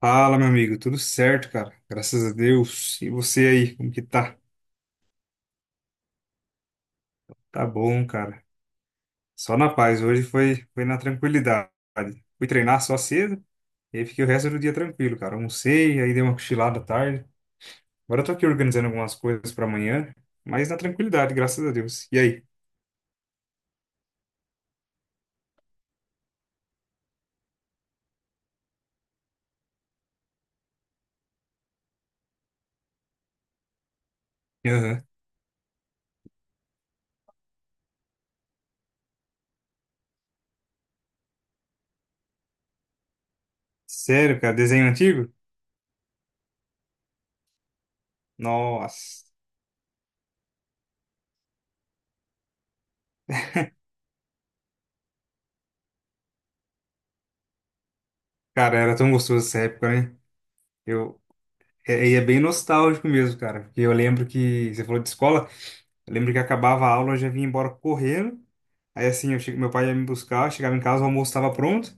Fala, meu amigo, tudo certo, cara? Graças a Deus. E você aí, como que tá? Tá bom, cara. Só na paz, hoje foi na tranquilidade. Fui treinar só cedo, e aí fiquei o resto do dia tranquilo, cara. Almocei, aí dei uma cochilada à tarde. Agora eu tô aqui organizando algumas coisas pra amanhã, mas na tranquilidade, graças a Deus. E aí? Aham. Sério, cara, desenho antigo? Nossa, cara, era tão gostoso essa época, né? Eu, e é bem nostálgico mesmo, cara, porque eu lembro que você falou de escola. Eu lembro que acabava a aula, eu já vinha embora correndo. Aí assim, meu pai ia me buscar, eu chegava em casa, o almoço estava pronto.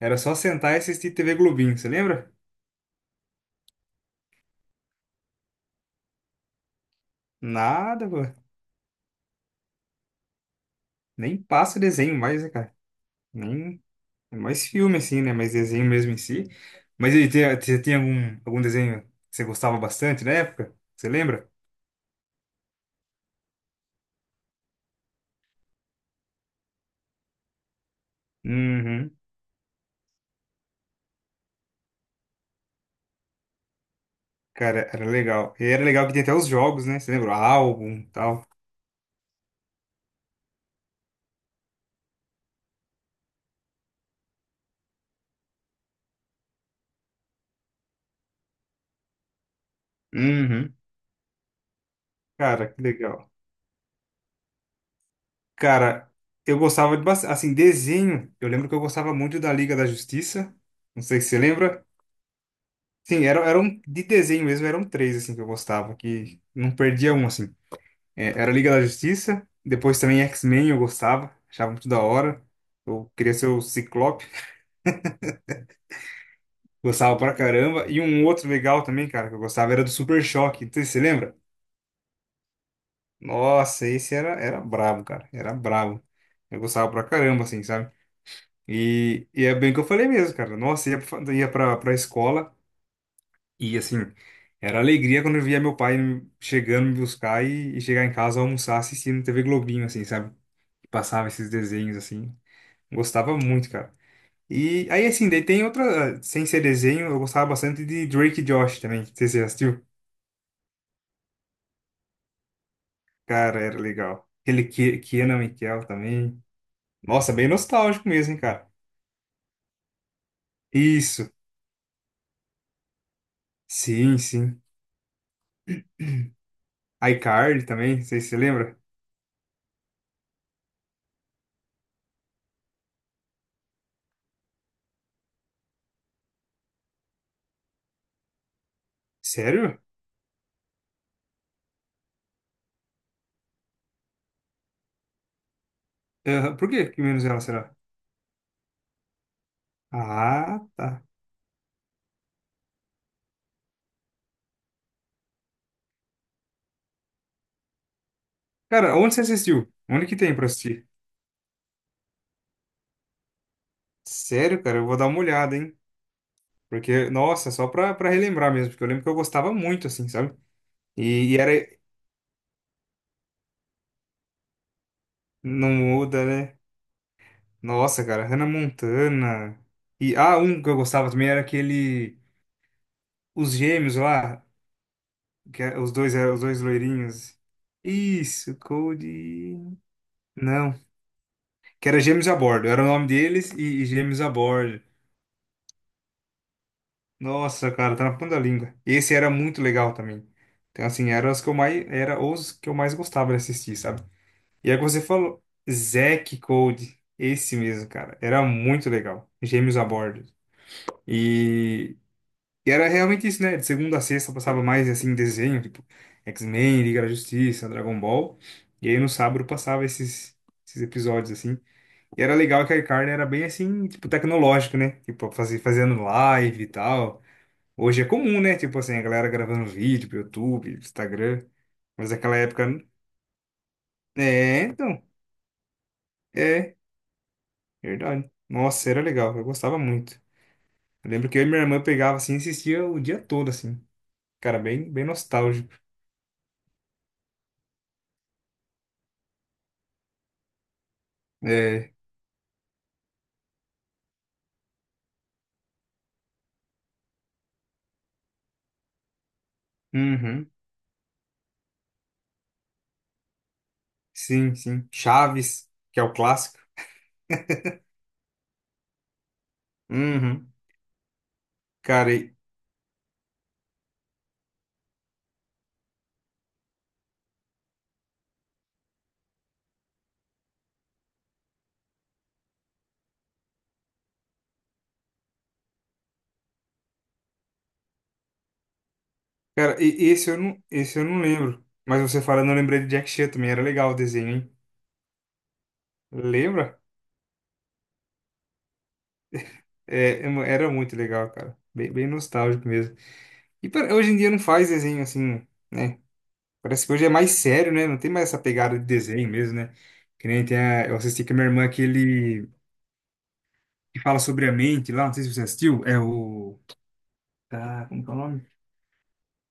Era só sentar e assistir TV Globinho, você lembra? Nada, pô. Nem passa desenho mais, né, cara? Nem... É mais filme, assim, né? Mais desenho mesmo em si. Mas e aí, você tem algum desenho que você gostava bastante na época? Você lembra? Uhum. Cara, era legal. E era legal que tinha até os jogos, né? Você lembra? O álbum e tal. Uhum. Cara, que legal. Cara, eu gostava de bastante. Assim, desenho. Eu lembro que eu gostava muito da Liga da Justiça. Não sei se você lembra. Sim, era um, de desenho mesmo, eram três assim que eu gostava, que não perdia um assim. É, era Liga da Justiça, depois também X-Men eu gostava, achava muito da hora. Eu queria ser o Ciclope, gostava pra caramba. E um outro legal também, cara, que eu gostava era do Super Choque. Não sei se você lembra? Nossa, esse era brabo, cara. Era brabo. Eu gostava pra caramba, assim, sabe? E é bem o que eu falei mesmo, cara. Nossa, ia, pra escola e, assim, era alegria quando eu via meu pai chegando me buscar e chegar em casa almoçar assistindo TV Globinho, assim, sabe? Passava esses desenhos, assim. Gostava muito, cara. E aí, assim, daí tem outra, sem ser desenho, eu gostava bastante de Drake e Josh também. Não sei se você já assistiu. Cara, era legal. Aquele Kenan Michael também. Nossa, bem nostálgico mesmo, hein, cara. Isso. Sim, sim. iCarly também, não sei se você lembra. Sério? Aham. Por que que menos ela será? Ah, tá. Cara, onde você assistiu? Onde que tem pra assistir? Sério, cara, eu vou dar uma olhada, hein? Porque, nossa, só pra relembrar mesmo, porque eu lembro que eu gostava muito, assim, sabe? E era. Não muda, né? Nossa, cara, Hannah Montana. E, ah, um que eu gostava também era aquele. Os gêmeos lá, os dois eram os dois loirinhos. Isso, Cody. Não, que era Gêmeos a Bordo. Era o nome deles e Gêmeos a Bordo. Nossa, cara, tá na ponta da língua. Esse era muito legal também. Então, assim, era os que eu mais gostava de assistir, sabe? E aí que você falou, Zack Code, esse mesmo, cara. Era muito legal. Gêmeos a bordo. E, e era realmente isso, né? De segunda a sexta passava mais, assim, desenho, tipo X-Men, Liga da Justiça, Dragon Ball. E aí no sábado passava esses episódios, assim. E era legal que a iCarly era bem, assim, tipo, tecnológico, né? Tipo, fazer fazendo live e tal. Hoje é comum, né? Tipo assim, a galera gravando vídeo pro YouTube, Instagram. Mas naquela época. É, então. É, verdade. Nossa, era legal. Eu gostava muito. Eu lembro que eu e minha irmã pegava assim e assistia o dia todo, assim. Cara, bem, bem nostálgico. É. Uhum. Sim, sim. Chaves, que é o clássico. Uhum. Cara, e, cara, esse eu não lembro. Mas você falando, eu lembrei de Jack Chan também. Era legal o desenho, hein? Lembra? É, era muito legal, cara. Bem, bem nostálgico mesmo. E hoje em dia não faz desenho assim, né? Parece que hoje é mais sério, né? Não tem mais essa pegada de desenho mesmo, né? Que nem tem a, eu assisti com a minha irmã aquele que fala sobre a mente lá, não sei se você assistiu, é o... Tá, como que é o nome?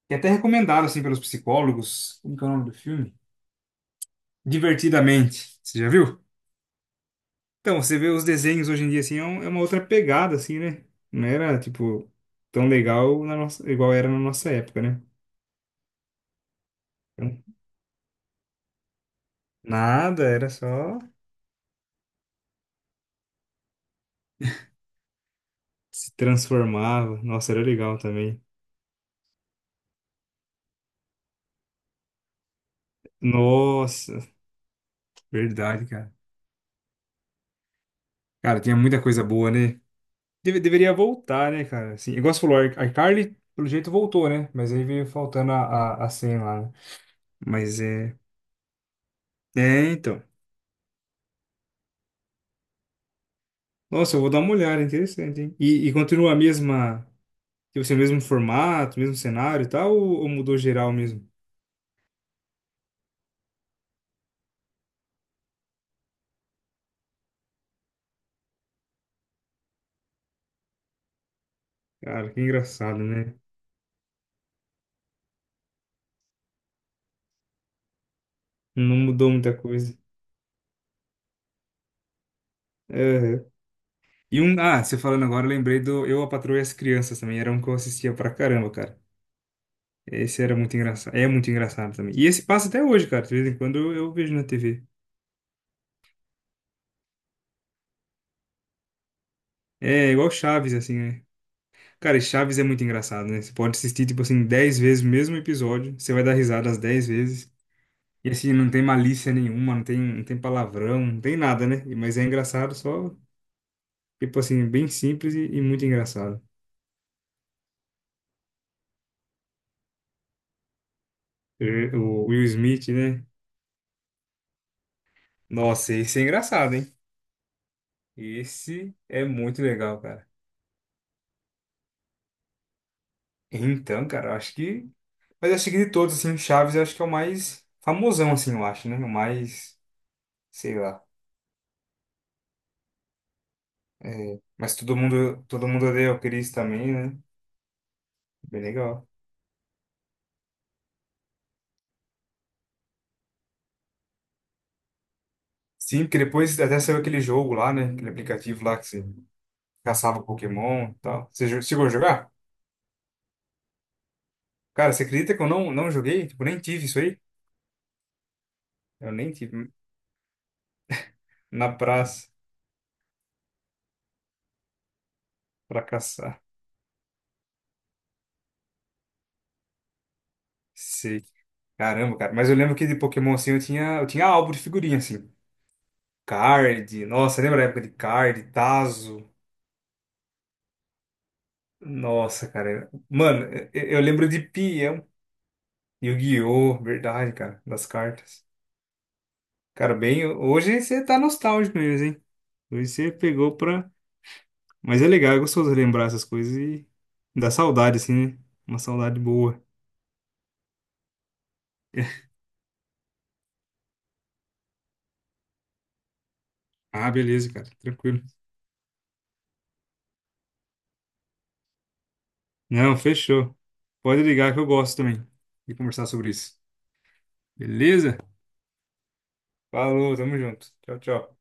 Que é até recomendado, assim, pelos psicólogos. Como que é o nome do filme? Divertidamente. Você já viu? Então, você vê os desenhos hoje em dia, assim, é uma outra pegada, assim, né? Não era, tipo, tão legal na nossa, igual era na nossa época, né? Então, nada, era só. Se transformava. Nossa, era legal também. Nossa, verdade, cara. Cara, tinha muita coisa boa, né? Deveria voltar, né, cara? Assim, igual você falou, a iCarly, pelo jeito, voltou, né? Mas aí veio faltando a senha lá, né? Mas é. É, então. Nossa, eu vou dar uma olhada, interessante, hein? E continua a mesma. Tipo assim, o mesmo formato, o mesmo cenário e tal, ou mudou geral mesmo? Cara, que engraçado, né? Não mudou muita coisa. É, e um, ah, você falando agora, eu lembrei do Eu, a Patroa e as Crianças também. Era um que eu assistia pra caramba, cara. Esse era muito engraçado. É muito engraçado também. E esse passa até hoje, cara. De vez em quando eu vejo na TV. É igual Chaves, assim, né? Cara, e Chaves é muito engraçado, né? Você pode assistir, tipo assim, dez vezes o mesmo episódio. Você vai dar risada as 10 vezes. E assim, não tem malícia nenhuma, não tem palavrão, não tem nada, né? E- mas é engraçado só, tipo assim, bem simples e muito engraçado. Eh, o Will Smith, né? Nossa, esse é engraçado, hein. Esse é muito legal, cara. Então, cara, eu acho que. Mas eu acho que de todos, assim, Chaves eu acho que é o mais famosão, assim, eu acho, né? O mais. Sei lá. É, mas todo mundo odeia o Chris também, né? Bem legal. Sim, porque depois até saiu aquele jogo lá, né? Aquele aplicativo lá que você caçava Pokémon e tal. Chegou a jogar? Cara, você acredita que eu não joguei? Tipo, nem tive isso aí? Eu nem tive. Na praça, pra caçar. Sei. Caramba, cara. Mas eu lembro que de Pokémon, assim, eu tinha álbum de figurinha, assim. Card, nossa, lembra a época de Card, Tazo? Nossa, cara. Mano, eu lembro de Pião, Yu-Gi-Oh! Verdade, cara, das cartas. Cara, bem, hoje você tá nostálgico mesmo, hein? Hoje você pegou pra. Mas é legal, é gostoso lembrar essas coisas e dá saudade, assim, né? Uma saudade boa. Ah, beleza, cara, tranquilo. Não, fechou. Pode ligar que eu gosto também de conversar sobre isso. Beleza? Falou, tamo junto. Tchau, tchau.